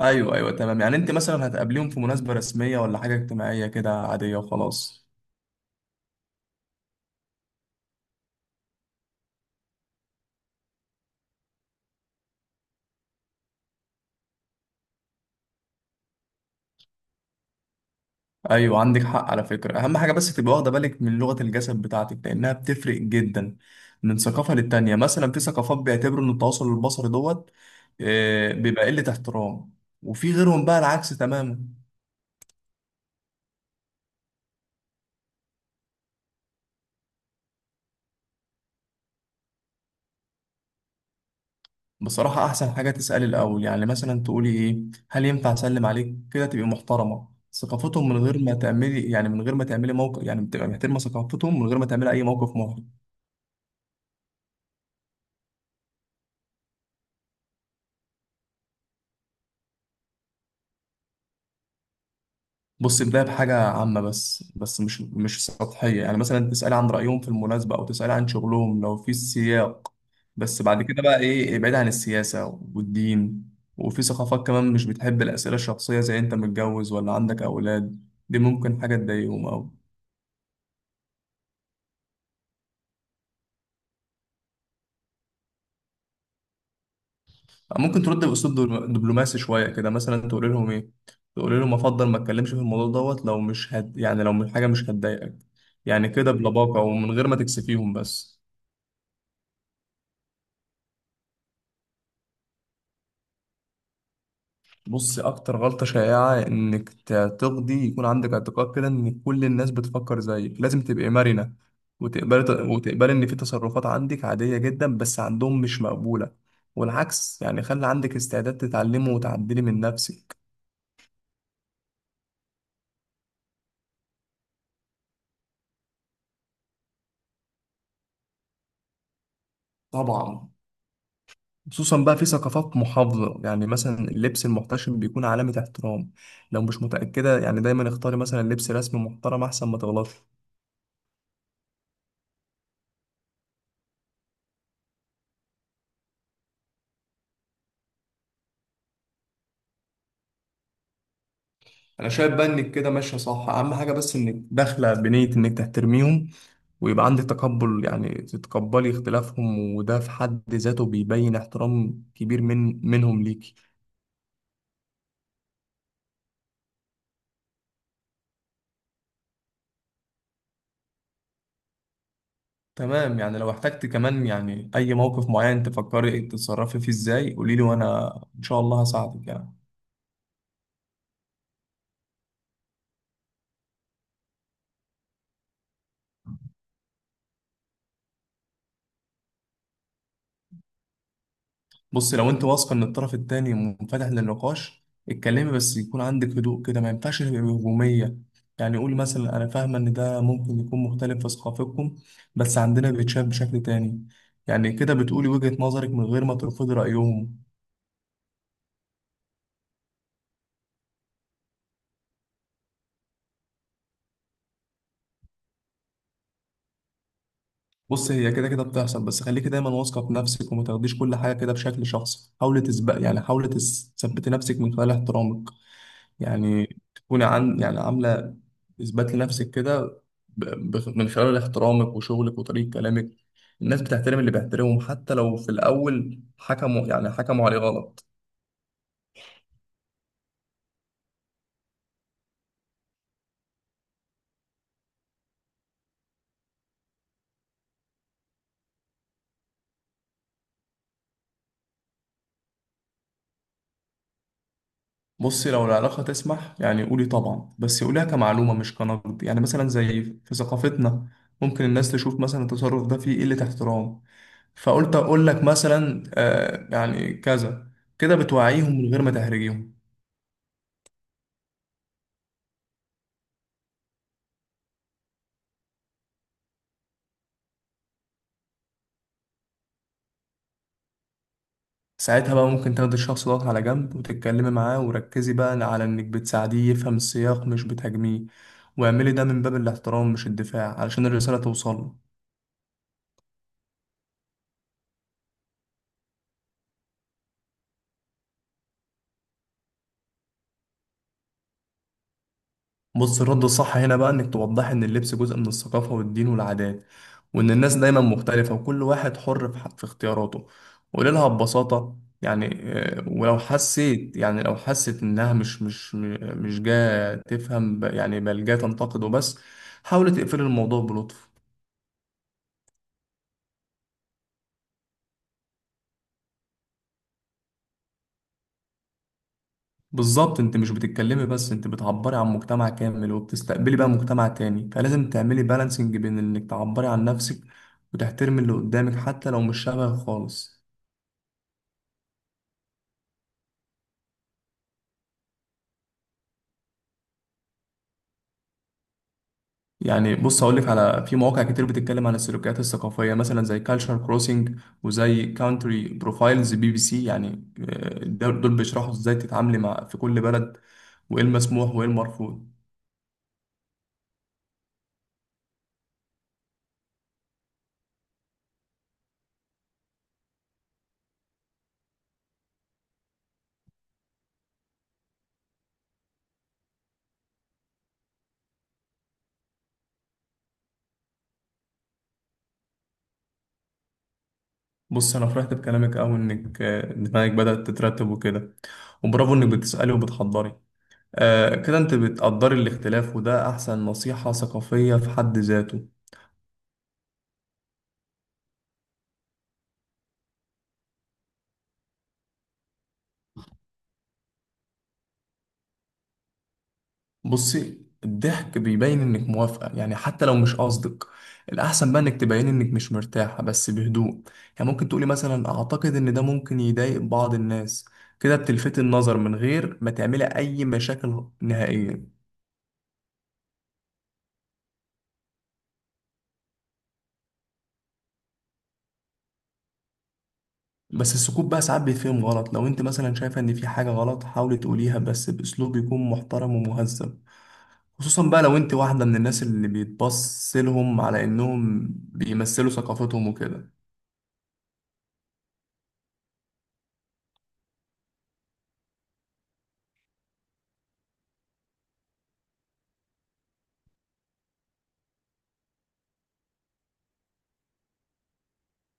ايوه، ايوه، تمام. يعني انت مثلا هتقابليهم في مناسبة رسمية ولا حاجة اجتماعية كده عادية وخلاص؟ ايوه، عندك حق. على فكرة، اهم حاجة بس تبقى واخدة بالك من لغة الجسد بتاعتك لانها بتفرق جدا من ثقافة للتانية. مثلا في ثقافات بيعتبروا ان التواصل البصري دوت بيبقى قلة احترام، وفي غيرهم بقى العكس تماما. بصراحة احسن حاجة تسألي الاول، يعني مثلا تقولي ايه؟ هل ينفع اسلم عليك كده تبقي محترمة ثقافتهم؟ من غير ما تعملي موقف، يعني بتبقى محترمة ثقافتهم من غير ما تعملي اي موقف محرج. بص، بداية بحاجة عامة بس مش سطحية، يعني مثلا تسألي عن رأيهم في المناسبة أو تسألي عن شغلهم لو في سياق. بس بعد كده بقى إيه، ابعد عن السياسة والدين. وفي ثقافات كمان مش بتحب الأسئلة الشخصية زي أنت متجوز ولا عندك أولاد، دي ممكن حاجة تضايقهم أو... ممكن ترد بأسلوب دبلوماسي شوية كده، مثلا تقول لهم إيه؟ تقول لهم أفضل ما أتكلمش في الموضوع دوت، لو حاجة مش هتضايقك. يعني كده بلباقة ومن غير ما تكسفيهم بس. بص، اكتر غلطة شائعة انك تقضي يكون عندك اعتقاد كده ان كل الناس بتفكر زيك. لازم تبقي مرنة وتقبلي ان في تصرفات عندك عادية جدا بس عندهم مش مقبولة، والعكس. يعني خلي عندك استعداد تتعلمي وتعدلي من نفسك. طبعا، خصوصا بقى في ثقافات محافظة. يعني مثلا اللبس المحتشم بيكون علامة احترام. لو مش متأكدة، يعني دايما اختاري مثلا لبس رسمي محترم احسن ما تغلطي. انا شايف بقى انك كده ماشية صح. اهم حاجة بس انك داخلة بنية انك تحترميهم، ويبقى عندك تقبل، يعني تتقبلي اختلافهم. وده في حد ذاته بيبين احترام كبير منهم ليكي. تمام، يعني لو احتجت كمان، يعني أي موقف معين تفكري تتصرفي فيه ازاي، قوليلي وأنا إن شاء الله هساعدك يعني. بص، لو أنت واثقة إن الطرف التاني منفتح للنقاش، اتكلمي. بس يكون عندك هدوء كده، ما ينفعش تبقي هجومية. يعني قولي مثلا: أنا فاهمة إن ده ممكن يكون مختلف في ثقافتكم، بس عندنا بيتشاف بشكل تاني. يعني كده بتقولي وجهة نظرك من غير ما ترفضي رأيهم. بص، هي كده كده بتحصل، بس خليكي دايما واثقه في نفسك وما تاخديش كل حاجه كده بشكل شخصي. حاولي تسبق يعني حاولي تثبتي نفسك من خلال احترامك. يعني تكوني عن يعني عامله اثبات لنفسك كده ب- من خلال احترامك وشغلك وطريقه كلامك. الناس بتحترم اللي بيحترمهم حتى لو في الاول حكموا عليه غلط. بصي، لو العلاقه تسمح يعني قولي طبعا، بس قوليها كمعلومه مش كنقد. يعني مثلا زي في ثقافتنا، ممكن الناس تشوف مثلا التصرف ده فيه قله احترام، فقلت اقول لك مثلا، آه يعني كذا. كده بتوعيهم من غير ما تهرجيهم. ساعتها بقى ممكن تاخد الشخص دوت على جنب وتتكلمي معاه، وركزي بقى على انك بتساعديه يفهم السياق مش بتهاجميه. واعملي ده من باب الاحترام مش الدفاع، علشان الرسالة توصل له. بص، الرد الصح هنا بقى انك توضحي ان اللبس جزء من الثقافة والدين والعادات، وان الناس دايما مختلفة وكل واحد حر في اختياراته. قولي لها ببساطة، يعني ولو حسيت يعني لو حست انها مش جاية تفهم، بل جاية تنتقد وبس، حاولي تقفلي الموضوع بلطف. بالظبط، انت مش بتتكلمي بس، انت بتعبري عن مجتمع كامل وبتستقبلي بقى مجتمع تاني، فلازم تعملي بالانسنج بين انك تعبري عن نفسك وتحترمي اللي قدامك حتى لو مش شبهك خالص. يعني بص هقول لك، في مواقع كتير بتتكلم عن السلوكيات الثقافيه، مثلا زي كالتشر كروسنج وزي كاونتري بروفايلز بي بي سي. يعني دول بيشرحوا ازاي تتعاملي في كل بلد، وايه المسموح وايه المرفوض. بص، انا فرحت بكلامك قوي انك دماغك بدات تترتب وكده، وبرافو انك بتسالي وبتحضري. كده انت بتقدري الاختلاف، وده احسن نصيحه ثقافيه في حد ذاته. بصي، الضحك بيبين انك موافقة يعني حتى لو مش قصدك. الأحسن بقى انك تبين انك مش مرتاحة بس بهدوء. يعني ممكن تقولي مثلا: أعتقد ان ده ممكن يضايق بعض الناس. كده بتلفتي النظر من غير ما تعملي أي مشاكل نهائيا. بس السكوت بقى ساعات بيتفهم غلط. لو انت مثلا شايفة ان في حاجة غلط، حاولي تقوليها بس بأسلوب يكون محترم ومهذب. خصوصا بقى لو انت واحدة من الناس اللي بيتبص لهم على انهم بيمثلوا ثقافتهم وكده.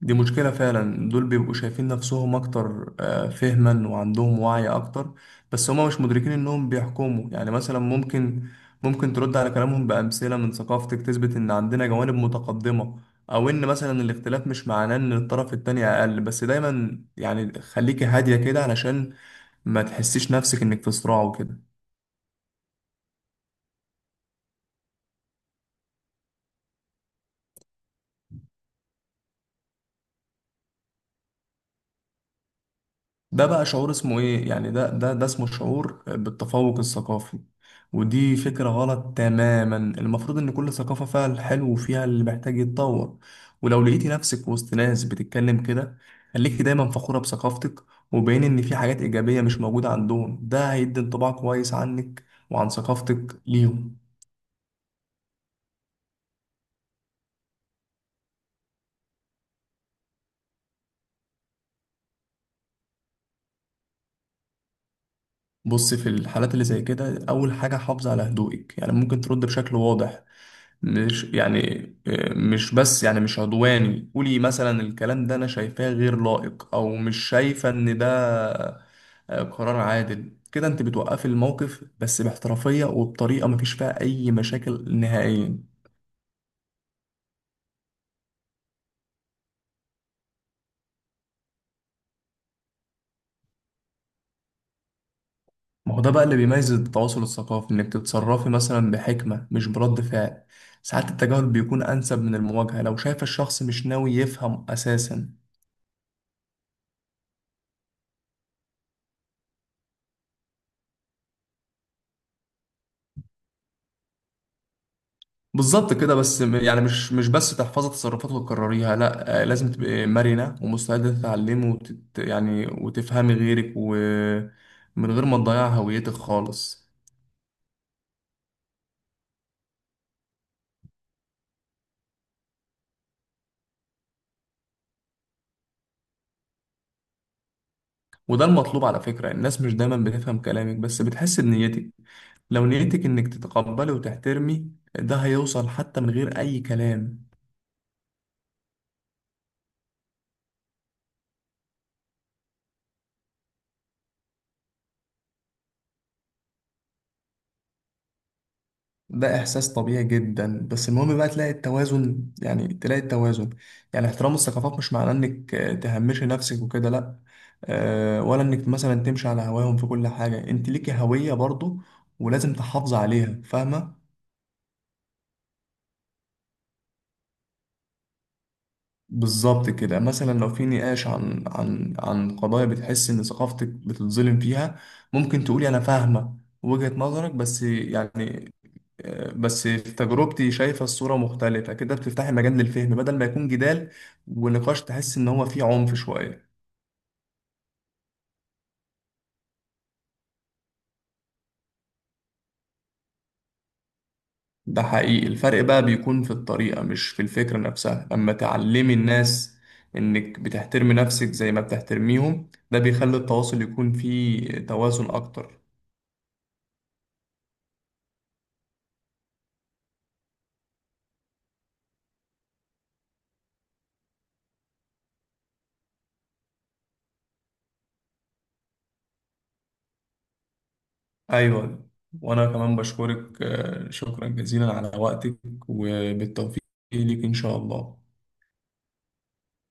دي مشكلة فعلا. دول بيبقوا شايفين نفسهم أكتر فهما وعندهم وعي أكتر، بس هما مش مدركين إنهم بيحكموا. يعني مثلا ممكن ترد على كلامهم بأمثلة من ثقافتك تثبت إن عندنا جوانب متقدمة، أو إن مثلا الاختلاف مش معناه إن الطرف التاني أقل. بس دايما يعني خليكي هادية كده علشان ما تحسيش نفسك إنك في صراع وكده. ده بقى شعور اسمه ايه؟ يعني ده اسمه شعور بالتفوق الثقافي. ودي فكرة غلط تماما. المفروض ان كل ثقافة فيها الحلو وفيها اللي محتاج يتطور. ولو لقيتي نفسك وسط ناس بتتكلم كده، خليكي دايما فخورة بثقافتك، وبين ان في حاجات ايجابية مش موجودة عندهم. ده هيدي انطباع كويس عنك وعن ثقافتك ليهم. بص، في الحالات اللي زي كده اول حاجة حافظي على هدوئك. يعني ممكن ترد بشكل واضح، مش يعني مش بس يعني مش عدواني. قولي مثلا: الكلام ده انا شايفاه غير لائق، او مش شايفة ان ده قرار عادل. كده انت بتوقفي الموقف بس باحترافية وبطريقة مفيش فيها اي مشاكل نهائيا. ما هو ده بقى اللي بيميز التواصل الثقافي، انك تتصرفي مثلا بحكمة مش برد فعل. ساعات التجاهل بيكون انسب من المواجهة لو شايف الشخص مش ناوي يفهم اساسا. بالظبط كده. بس مش بس تحفظي تصرفات وتكرريها، لا. لازم تبقي مرنة ومستعدة تتعلمي وتت يعني وتفهمي غيرك، ومن غير ما تضيعي هويتك خالص. وده المطلوب. على فكرة الناس مش دايما بتفهم كلامك بس بتحس بنيتك. لو نيتك انك تتقبلي وتحترمي، ده هيوصل حتى من غير اي كلام. ده إحساس طبيعي جدا، بس المهم بقى تلاقي التوازن، يعني تلاقي التوازن. يعني احترام الثقافات مش معناه إنك تهمشي نفسك وكده، لأ. ولا إنك مثلا تمشي على هواهم في كل حاجة. أنت ليكي هوية برضه، ولازم تحافظي عليها، فاهمة؟ بالظبط كده. مثلا لو في نقاش عن قضايا بتحس إن ثقافتك بتتظلم فيها، ممكن تقولي: أنا فاهمة وجهة نظرك، بس يعني بس في تجربتي شايفة الصورة مختلفة. كده بتفتحي مجال للفهم بدل ما يكون جدال ونقاش تحس إن هو فيه عنف شوية. ده حقيقي. الفرق بقى بيكون في الطريقة مش في الفكرة نفسها. أما تعلمي الناس إنك بتحترمي نفسك زي ما بتحترميهم، ده بيخلي التواصل يكون فيه توازن أكتر. أيوة، وأنا كمان بشكرك. شكرا جزيلا على وقتك، وبالتوفيق ليك إن شاء الله.